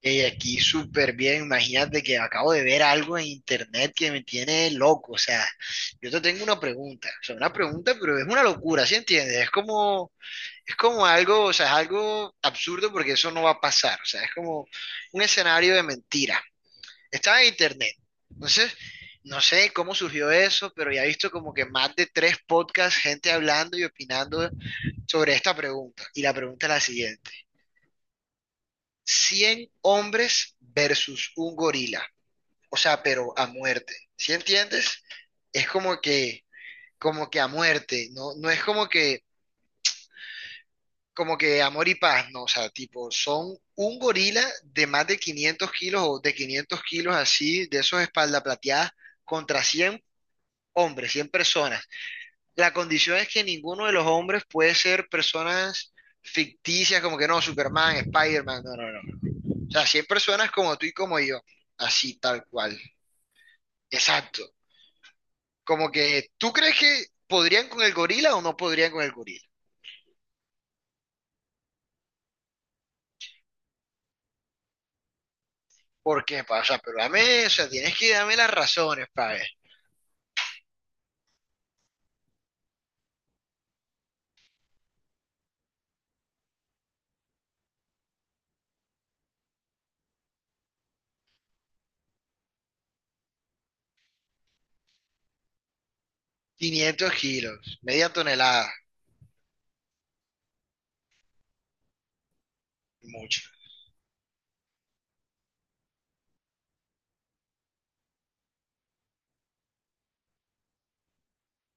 Aquí súper bien, imagínate que acabo de ver algo en internet que me tiene loco, o sea, yo te tengo una pregunta, o sea, una pregunta, pero es una locura, ¿sí entiendes? Es como algo, o sea, es algo absurdo porque eso no va a pasar, o sea, es como un escenario de mentira. Estaba en internet, entonces, no sé cómo surgió eso, pero ya he visto como que más de tres podcasts, gente hablando y opinando sobre esta pregunta, y la pregunta es la siguiente. 100 hombres versus un gorila, o sea, pero a muerte. ¿Sí entiendes? Es como que a muerte, no, no es como que amor y paz, no, o sea, tipo, son un gorila de más de 500 kilos o de 500 kilos así, de esos espalda plateadas, contra 100 hombres, 100 personas. La condición es que ninguno de los hombres puede ser personas ficticias, como que no, Superman, Spider-Man, no, no, no. O sea, 100 personas como tú y como yo, así, tal cual. Exacto. Como que, ¿tú crees que podrían con el gorila o no podrían con el gorila? ¿Por qué, pa? O sea, pero dame, o sea, tienes que darme las razones, pa, ver. 500 kilos, media tonelada, mucho.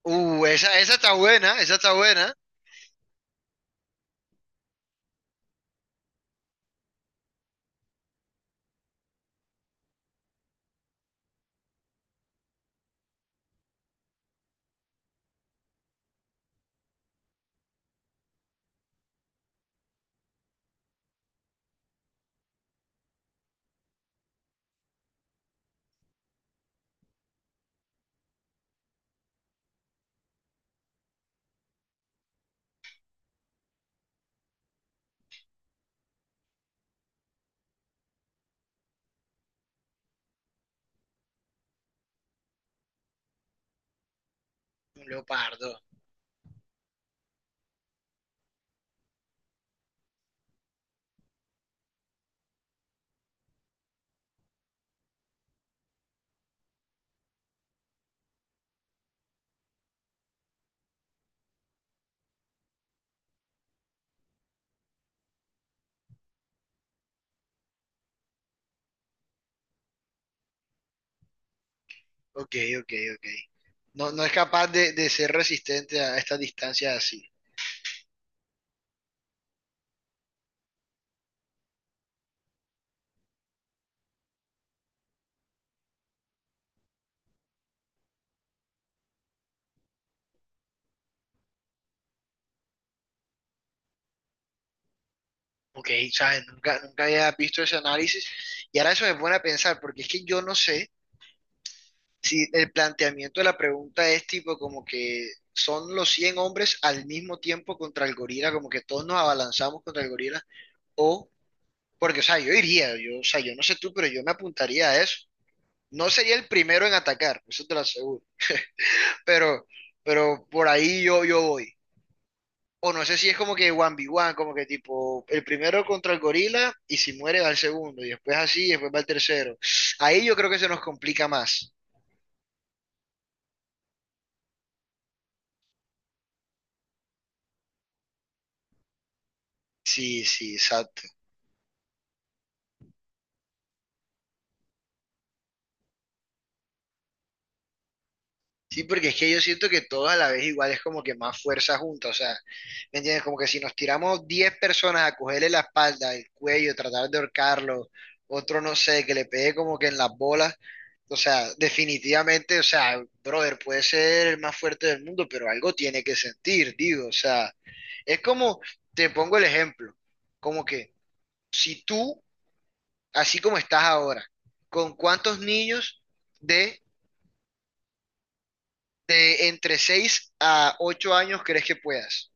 Esa está buena, esa está buena. Un leopardo. Ok, ok, ok. No, no es capaz de ser resistente a estas distancias así. Ok, ¿sabes? Nunca, nunca había visto ese análisis. Y ahora eso me pone a pensar, porque es que yo no sé. Sí, el planteamiento de la pregunta es tipo como que son los 100 hombres al mismo tiempo contra el gorila, como que todos nos abalanzamos contra el gorila, o, porque, o sea, yo iría, o sea, yo no sé tú, pero yo me apuntaría a eso. No sería el primero en atacar, eso te lo aseguro, pero, pero por ahí yo voy. O no sé si es como que 1v1, como que tipo, el primero contra el gorila y si muere va el segundo, y después así, y después va el tercero. Ahí yo creo que se nos complica más. Sí, sí, exacto. Sí, porque es que yo siento que todos a la vez igual es como que más fuerza junta, o sea, ¿me entiendes? Como que si nos tiramos 10 personas a cogerle la espalda, el cuello, tratar de ahorcarlo, otro no sé, que le pegue como que en las bolas, o sea, definitivamente, o sea, brother, puede ser el más fuerte del mundo, pero algo tiene que sentir, digo, o sea, es como, te pongo el ejemplo, como que si tú, así como estás ahora, ¿con cuántos niños de entre 6 a 8 años crees que puedas?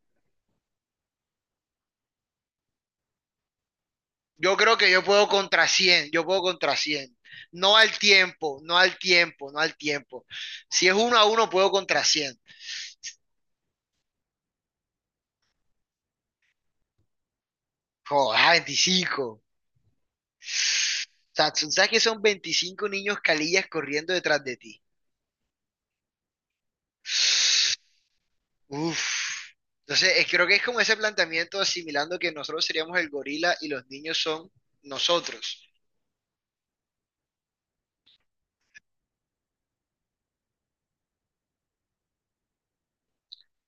Yo creo que yo puedo contra 100, yo puedo contra 100. No al tiempo, no al tiempo, no al tiempo. Si es uno a uno, puedo contra 100. Joder, 25. O sea, tú sabes que son 25 niños calillas corriendo detrás de ti. Uf. Entonces, creo que es como ese planteamiento asimilando que nosotros seríamos el gorila y los niños son nosotros.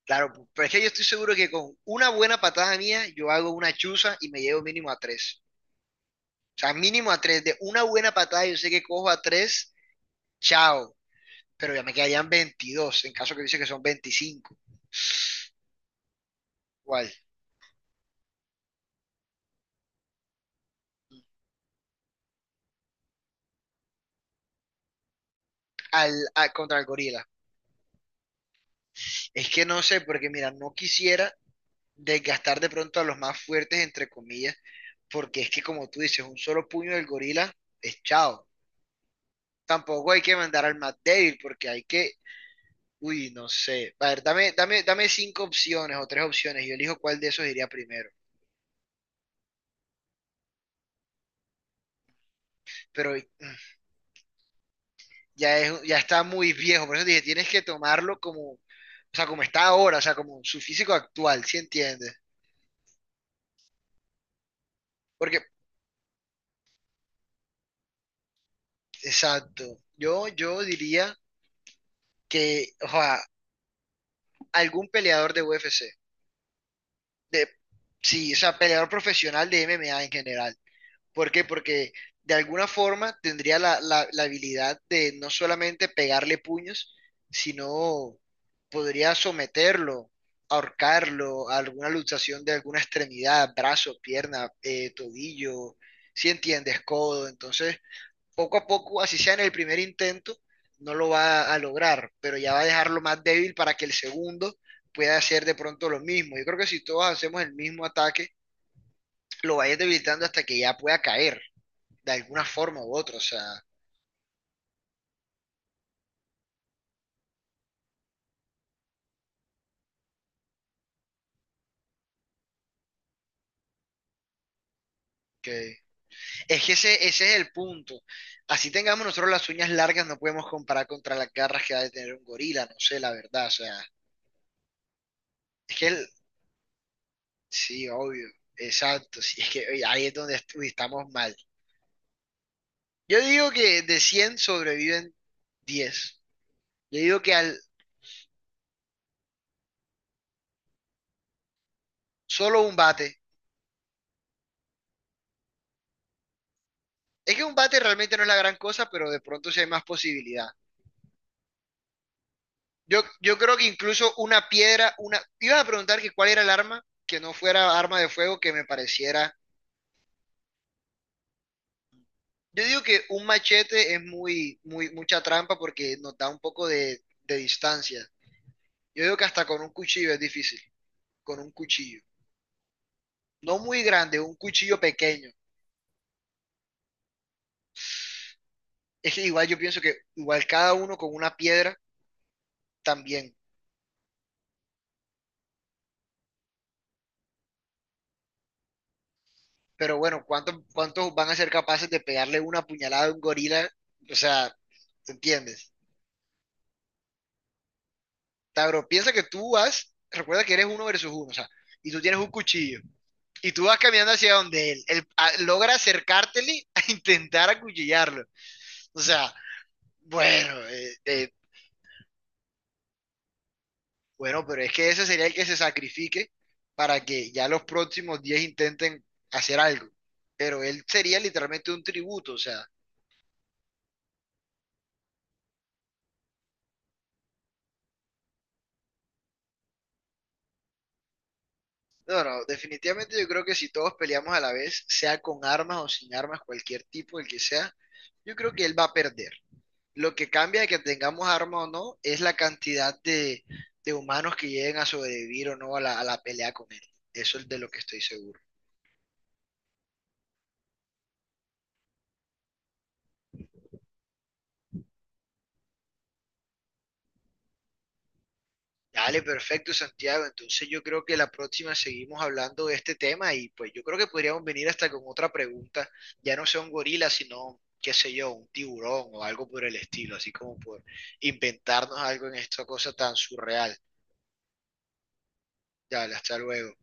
Claro, pero es que yo estoy seguro que con una buena patada mía, yo hago una chuza y me llevo mínimo a tres. O sea, mínimo a tres. De una buena patada, yo sé que cojo a tres, chao. Pero ya me quedarían 22 en caso que dice que son 25. ¿Cuál? Contra el gorila. Es que no sé, porque mira, no quisiera desgastar de pronto a los más fuertes, entre comillas, porque es que como tú dices, un solo puño del gorila es chao. Tampoco hay que mandar al más débil, porque hay que... Uy, no sé. A ver, dame, dame, dame cinco opciones o tres opciones y yo elijo cuál de esos iría primero. Pero ya está muy viejo, por eso dije, tienes que tomarlo como, o sea, como está ahora, o sea, como su físico actual, ¿sí entiendes? Porque, exacto. Yo diría que, o sea, algún peleador de UFC, de, sí, o sea, peleador profesional de MMA en general. ¿Por qué? Porque de alguna forma tendría la, la habilidad de no solamente pegarle puños, sino podría someterlo, ahorcarlo a alguna luxación de alguna extremidad, brazo, pierna, tobillo, si entiendes, codo. Entonces, poco a poco, así sea en el primer intento, no lo va a lograr, pero ya va a dejarlo más débil para que el segundo pueda hacer de pronto lo mismo. Yo creo que si todos hacemos el mismo ataque, lo vayas debilitando hasta que ya pueda caer de alguna forma u otra, o sea, que es que ese es el punto. Así tengamos nosotros las uñas largas, no podemos comparar contra las garras que ha de tener un gorila, no sé, la verdad, o sea, es que el, sí, obvio, exacto, sí, es que oye, ahí es donde uy, estamos mal. Yo digo que de 100 sobreviven 10. Yo digo que al solo un bate, es que un bate realmente no es la gran cosa, pero de pronto sí hay más posibilidad. Yo creo que incluso una piedra, una... Ibas a preguntar que cuál era el arma que no fuera arma de fuego que me pareciera... Yo digo que un machete es muy, muy, mucha trampa porque nos da un poco de distancia. Yo digo que hasta con un cuchillo es difícil, con un cuchillo. No muy grande, un cuchillo pequeño. Es que igual yo pienso que igual cada uno con una piedra también. Pero bueno, ¿cuántos van a ser capaces de pegarle una puñalada a un gorila? O sea, ¿te entiendes? Tabro, piensa que tú vas, recuerda que eres uno versus uno, o sea, y tú tienes un cuchillo, y tú vas caminando hacia donde él logra acercártele a intentar acuchillarlo. O sea, bueno, bueno, pero es que ese sería el que se sacrifique para que ya los próximos 10 intenten hacer algo. Pero él sería literalmente un tributo, o sea, no, no, definitivamente yo creo que si todos peleamos a la vez, sea con armas o sin armas, cualquier tipo, el que sea, yo creo que él va a perder. Lo que cambia de que tengamos armas o no es la cantidad de humanos que lleguen a sobrevivir o no a a la pelea con él. Eso es de lo que estoy seguro. Dale, perfecto, Santiago. Entonces yo creo que la próxima seguimos hablando de este tema y pues yo creo que podríamos venir hasta con otra pregunta. Ya no sea un gorila, sino, qué sé yo, un tiburón o algo por el estilo, así como por inventarnos algo en esta cosa tan surreal. Dale, hasta luego.